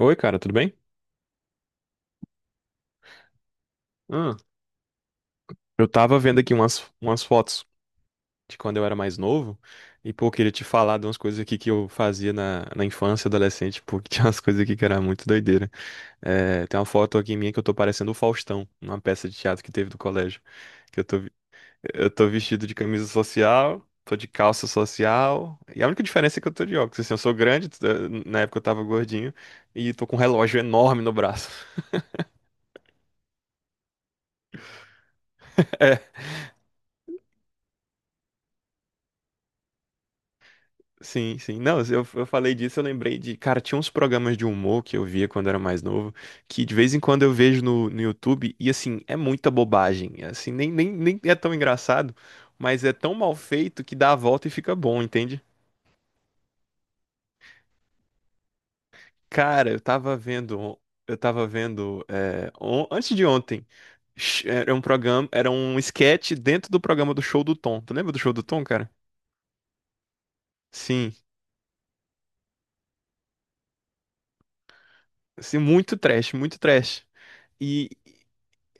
Oi, cara, tudo bem? Ah, eu tava vendo aqui umas fotos de quando eu era mais novo e, pô, eu queria te falar de umas coisas aqui que eu fazia na infância, adolescente, porque tinha umas coisas aqui que era muito doideira. É, tem uma foto aqui minha que eu tô parecendo o Faustão, numa peça de teatro que teve do colégio, que eu eu tô vestido de camisa social, tô de calça social e a única diferença é que eu tô de óculos, assim, eu sou grande, na época eu tava gordinho e tô com um relógio enorme no braço. Sim, sim. Não, eu falei disso, eu lembrei de. Cara, tinha uns programas de humor que eu via quando era mais novo, que de vez em quando eu vejo no YouTube, e assim, é muita bobagem. Assim, nem é tão engraçado, mas é tão mal feito que dá a volta e fica bom, entende? Cara, eu tava vendo. Eu tava vendo. Antes de ontem, era um programa, era um sketch dentro do programa do Show do Tom. Tu lembra do Show do Tom, cara? Sim. Assim, muito trash, muito trash.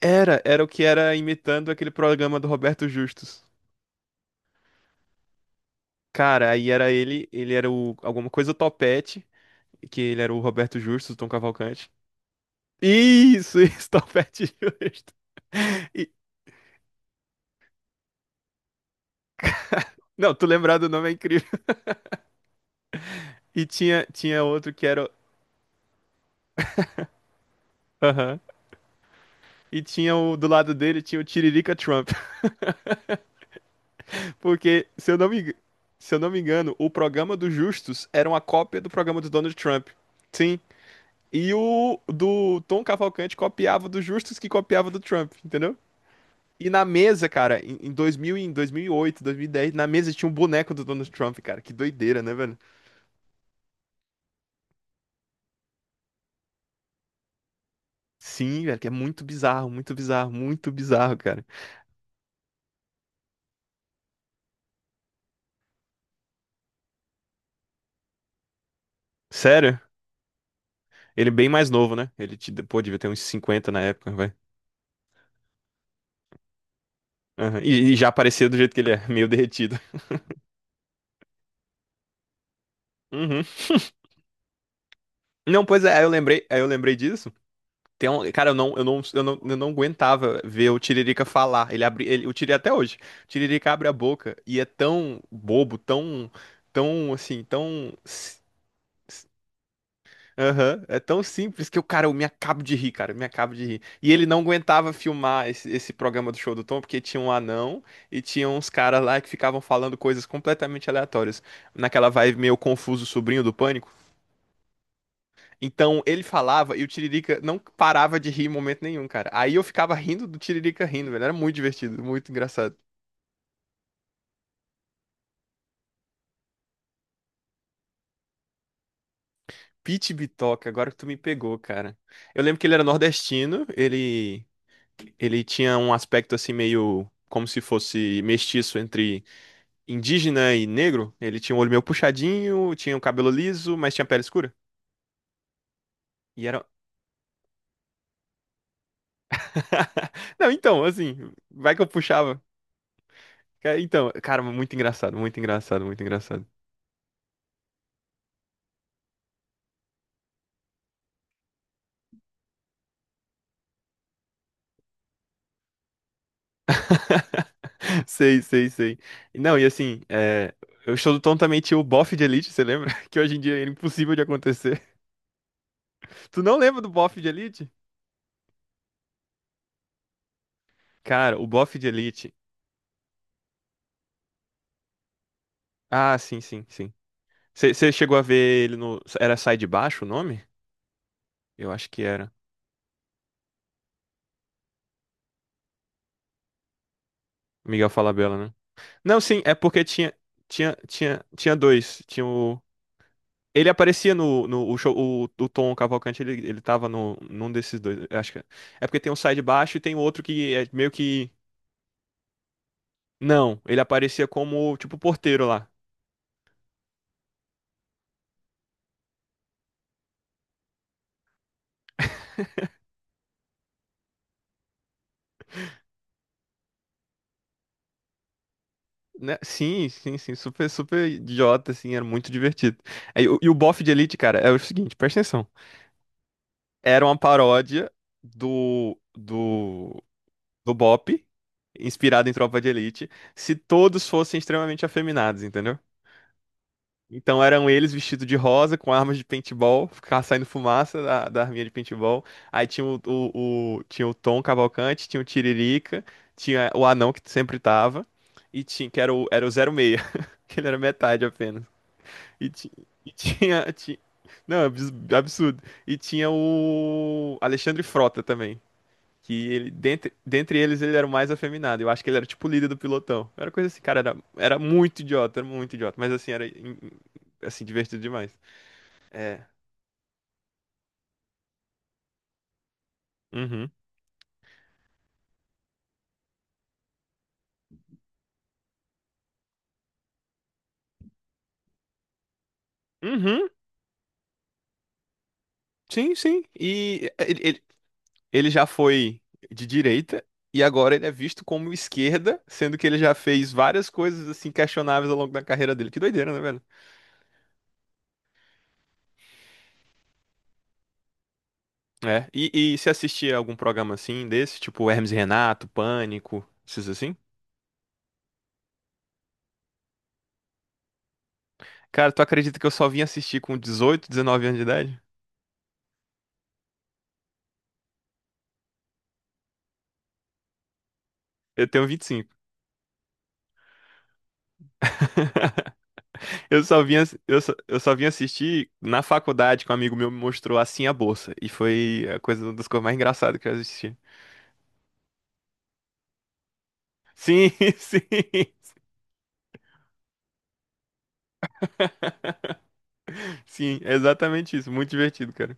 Era o que era imitando aquele programa do Roberto Justus. Cara, aí era ele, ele era o alguma coisa Topete, que ele era o Roberto Justus, o Tom Cavalcante. Isso, Topete Justo. E- não, tu lembrar do nome é incrível. E tinha outro que era. Aham. E tinha o do lado dele, tinha o Tiririca Trump. Porque, se eu não me engano, o programa do Justus era uma cópia do programa do Donald Trump. Sim. E o do Tom Cavalcante copiava do Justus que copiava do Trump, entendeu? E na mesa, cara, em 2000, e em 2008, 2010, na mesa tinha um boneco do Donald Trump, cara. Que doideira, né, velho? Sim, velho, que é muito bizarro, muito bizarro, muito bizarro, cara. Sério? Ele é bem mais novo, né? Pô, devia ter uns 50 na época, vai. Aham. E já aparecia do jeito que ele é, meio derretido. Uhum. Não, pois é, aí eu lembrei disso. Tem um, cara, eu não aguentava ver o Tiririca falar. Ele abre, ele, o Tiririca até hoje. O Tiririca abre a boca e é tão bobo, tão, tão assim, s- aham, é tão simples que o cara, eu me acabo de rir, cara, eu me acabo de rir. E ele não aguentava filmar esse programa do Show do Tom, porque tinha um anão e tinha uns caras lá que ficavam falando coisas completamente aleatórias. Naquela vibe meio confuso, sobrinho do pânico. Então ele falava e o Tiririca não parava de rir em momento nenhum, cara. Aí eu ficava rindo do Tiririca rindo, velho. Era muito divertido, muito engraçado. Pete Bitoca, agora que tu me pegou, cara. Eu lembro que ele era nordestino, ele tinha um aspecto assim meio como se fosse mestiço entre indígena e negro. Ele tinha um olho meio puxadinho, tinha um cabelo liso, mas tinha pele escura. E era não, então, assim, vai que eu puxava. Então, cara, muito engraçado, muito engraçado, muito engraçado. Sei, sei, sei. Não, e assim, eu estou também tinha o bofe de Elite, você lembra? Que hoje em dia é impossível de acontecer. Tu não lembra do bofe de Elite? Cara, o bofe de Elite. Ah, sim, sim, sim. Você chegou a ver ele no. Era Sai de Baixo o nome? Eu acho que era. Miguel Falabella, né? Não, sim, é porque tinha. Tinha dois. Tinha o. Ele aparecia no, no o show, o Tom Cavalcante, ele tava no, num desses dois. Eu Acho que é é porque tem um sai de baixo e tem outro que é meio que não, ele aparecia como, tipo, porteiro lá. Né? Sim, sim, sim. Super, super idiota, assim. Era muito divertido. E o bofe de Elite, cara, é o seguinte, presta atenção. Era uma paródia do, do, do Bop, inspirado em Tropa de Elite, se todos fossem extremamente afeminados, entendeu? Então eram eles vestidos de rosa, com armas de paintball, ficava saindo fumaça da arminha de paintball. Aí tinha o- Tinha o Tom Cavalcante, tinha o Tiririca, tinha o anão que sempre tava, e tinha, que era o 06, que ele era metade apenas. E, ti- e tinha, ti- Não, é absurdo. E tinha o Alexandre Frota também. Que ele, dentre eles, ele era o mais afeminado. Eu acho que ele era tipo o líder do pilotão. Era coisa assim, cara, era muito idiota, era muito idiota. Mas assim, assim, divertido demais. É. Uhum. Uhum. Sim, sim. E ele já foi de direita e agora ele é visto como esquerda, sendo que ele já fez várias coisas assim questionáveis ao longo da carreira dele. Que doideira, né, velho? É. E se assistir algum programa assim desse, tipo Hermes e Renato, Pânico, esses assim? Cara, tu acredita que eu só vim assistir com 18, 19 anos de idade? Eu tenho 25. Eu só vim, eu só vim assistir na faculdade que um amigo meu me mostrou assim a bolsa. E foi a coisa, uma das coisas mais engraçadas que eu assisti. Sim, sim. Sim, é exatamente isso. Muito divertido, cara.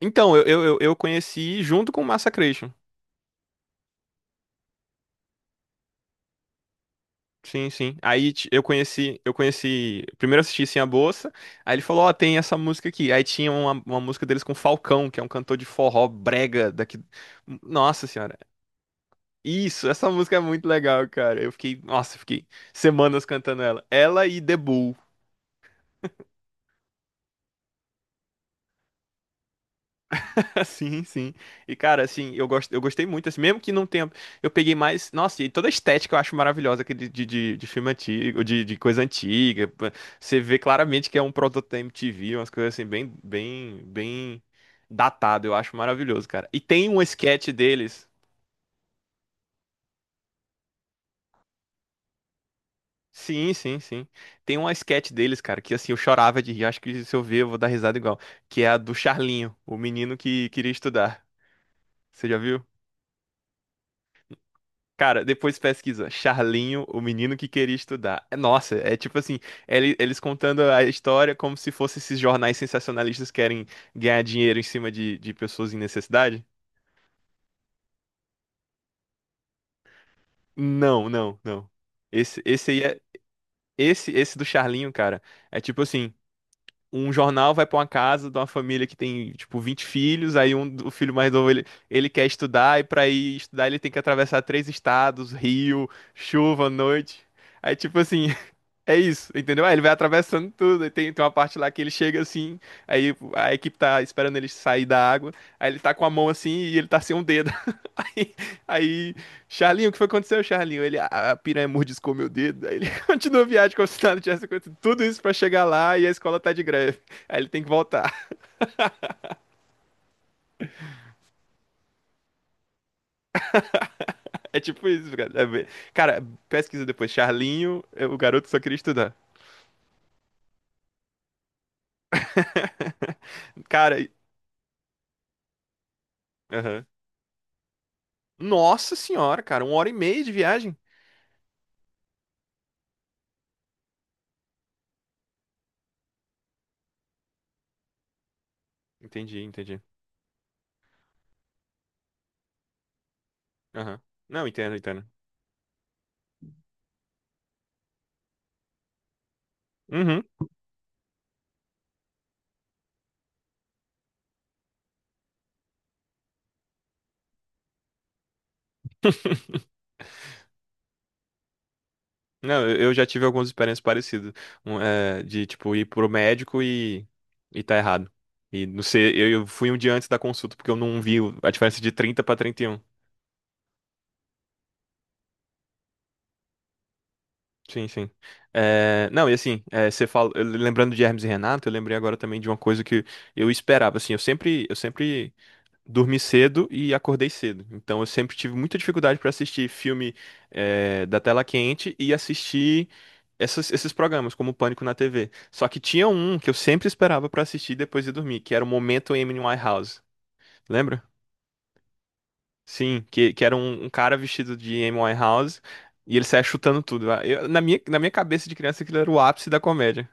Então, eu conheci junto com o Massacration. Sim, sim. Eu conheci, eu conheci. Primeiro eu assisti Sem a Bolsa. Aí ele falou, ó, tem essa música aqui. Aí tinha uma música deles com Falcão, que é um cantor de forró brega daqui. Hum, nossa senhora. Isso, essa música é muito legal, cara. Eu fiquei, nossa, eu fiquei semanas cantando ela. Ela e The Bull. Sim, sim. E cara, assim, eu gosto, eu gostei muito, assim, mesmo que não tenha, eu peguei mais, nossa, e toda a estética eu acho maravilhosa aquele de filme antigo, de coisa antiga. Pô. Você vê claramente que é um produto da MTV, umas coisas assim bem datado, eu acho maravilhoso, cara. E tem um sketch deles. Sim, sim, sim. Tem um sketch deles, cara, que assim, eu chorava de rir, acho que se eu ver eu vou dar risada igual, que é a do Charlinho, o menino que queria estudar. Você já viu? Cara, depois pesquisa. Charlinho, o menino que queria estudar. É, nossa, é tipo assim, eles contando a história como se fosse esses jornais sensacionalistas que querem ganhar dinheiro em cima de pessoas em necessidade. Não, não, não. Esse aí é. Esse do Charlinho, cara, é tipo assim, um jornal vai pra uma casa de uma família que tem, tipo, 20 filhos, aí um, o filho mais novo, ele quer estudar, e pra ir estudar ele tem que atravessar três estados, rio, chuva, noite. Aí, tipo assim, é isso, entendeu? Aí ele vai atravessando tudo. Aí Tem, tem uma parte lá que ele chega assim, aí a equipe tá esperando ele sair da água. Aí ele tá com a mão assim e ele tá sem um dedo. Aí, aí Charlinho, o que foi que aconteceu, Charlinho? Ele, a piranha mordiscou meu dedo." Aí ele continua a viagem como se nada tivesse acontecido. Tudo isso pra chegar lá e a escola tá de greve. Aí ele tem que voltar. É tipo isso, cara. Cara, pesquisa depois. Charlinho, é, o garoto só queria estudar. Cara, e- Aham. Nossa senhora, cara, uma hora e meia de viagem. Entendi, entendi. Aham. Não, entendo, entendo. Uhum. Não, eu já tive algumas experiências parecidas. Um, é, de, tipo, ir pro médico e tá errado. E não sei, eu fui um dia antes da consulta, porque eu não vi a diferença de 30 pra trinta e um. Sim, sim. É, não, e assim, é, você fala, lembrando de Hermes e Renato, eu lembrei agora também de uma coisa que eu esperava, assim, eu sempre dormi cedo e acordei cedo. Então eu sempre tive muita dificuldade pra assistir filme, é, da tela quente e assistir esses programas, como o Pânico na TV. Só que tinha um que eu sempre esperava pra assistir depois de dormir, que era o Momento Amy Winehouse. Lembra? Sim, que era um, um cara vestido de Amy Winehouse e ele saia chutando tudo. Na minha, na minha cabeça de criança, aquilo era o ápice da comédia.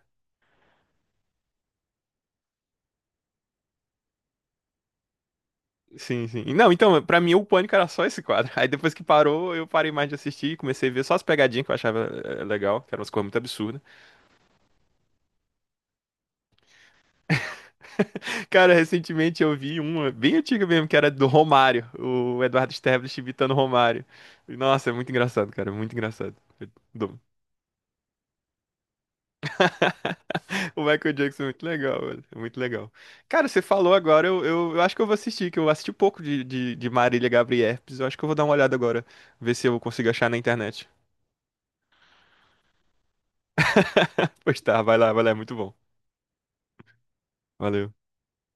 Sim, sim. Não, então, pra mim o Pânico era só esse quadro. Aí depois que parou, eu parei mais de assistir e comecei a ver só as pegadinhas que eu achava legal, que eram umas coisas muito absurdas. Cara, recentemente eu vi uma bem antiga mesmo, que era do Romário, o Eduardo Sterblitch imitando o Romário. Nossa, é muito engraçado, cara, é muito engraçado. Eu dou- O Michael Jackson é muito legal, velho, é muito legal. Cara, você falou agora, eu acho que eu vou assistir, que eu assisti um pouco de Marília Gabriel. Eu acho que eu vou dar uma olhada agora, ver se eu consigo achar na internet. Pois tá, vai lá, é muito bom. Valeu.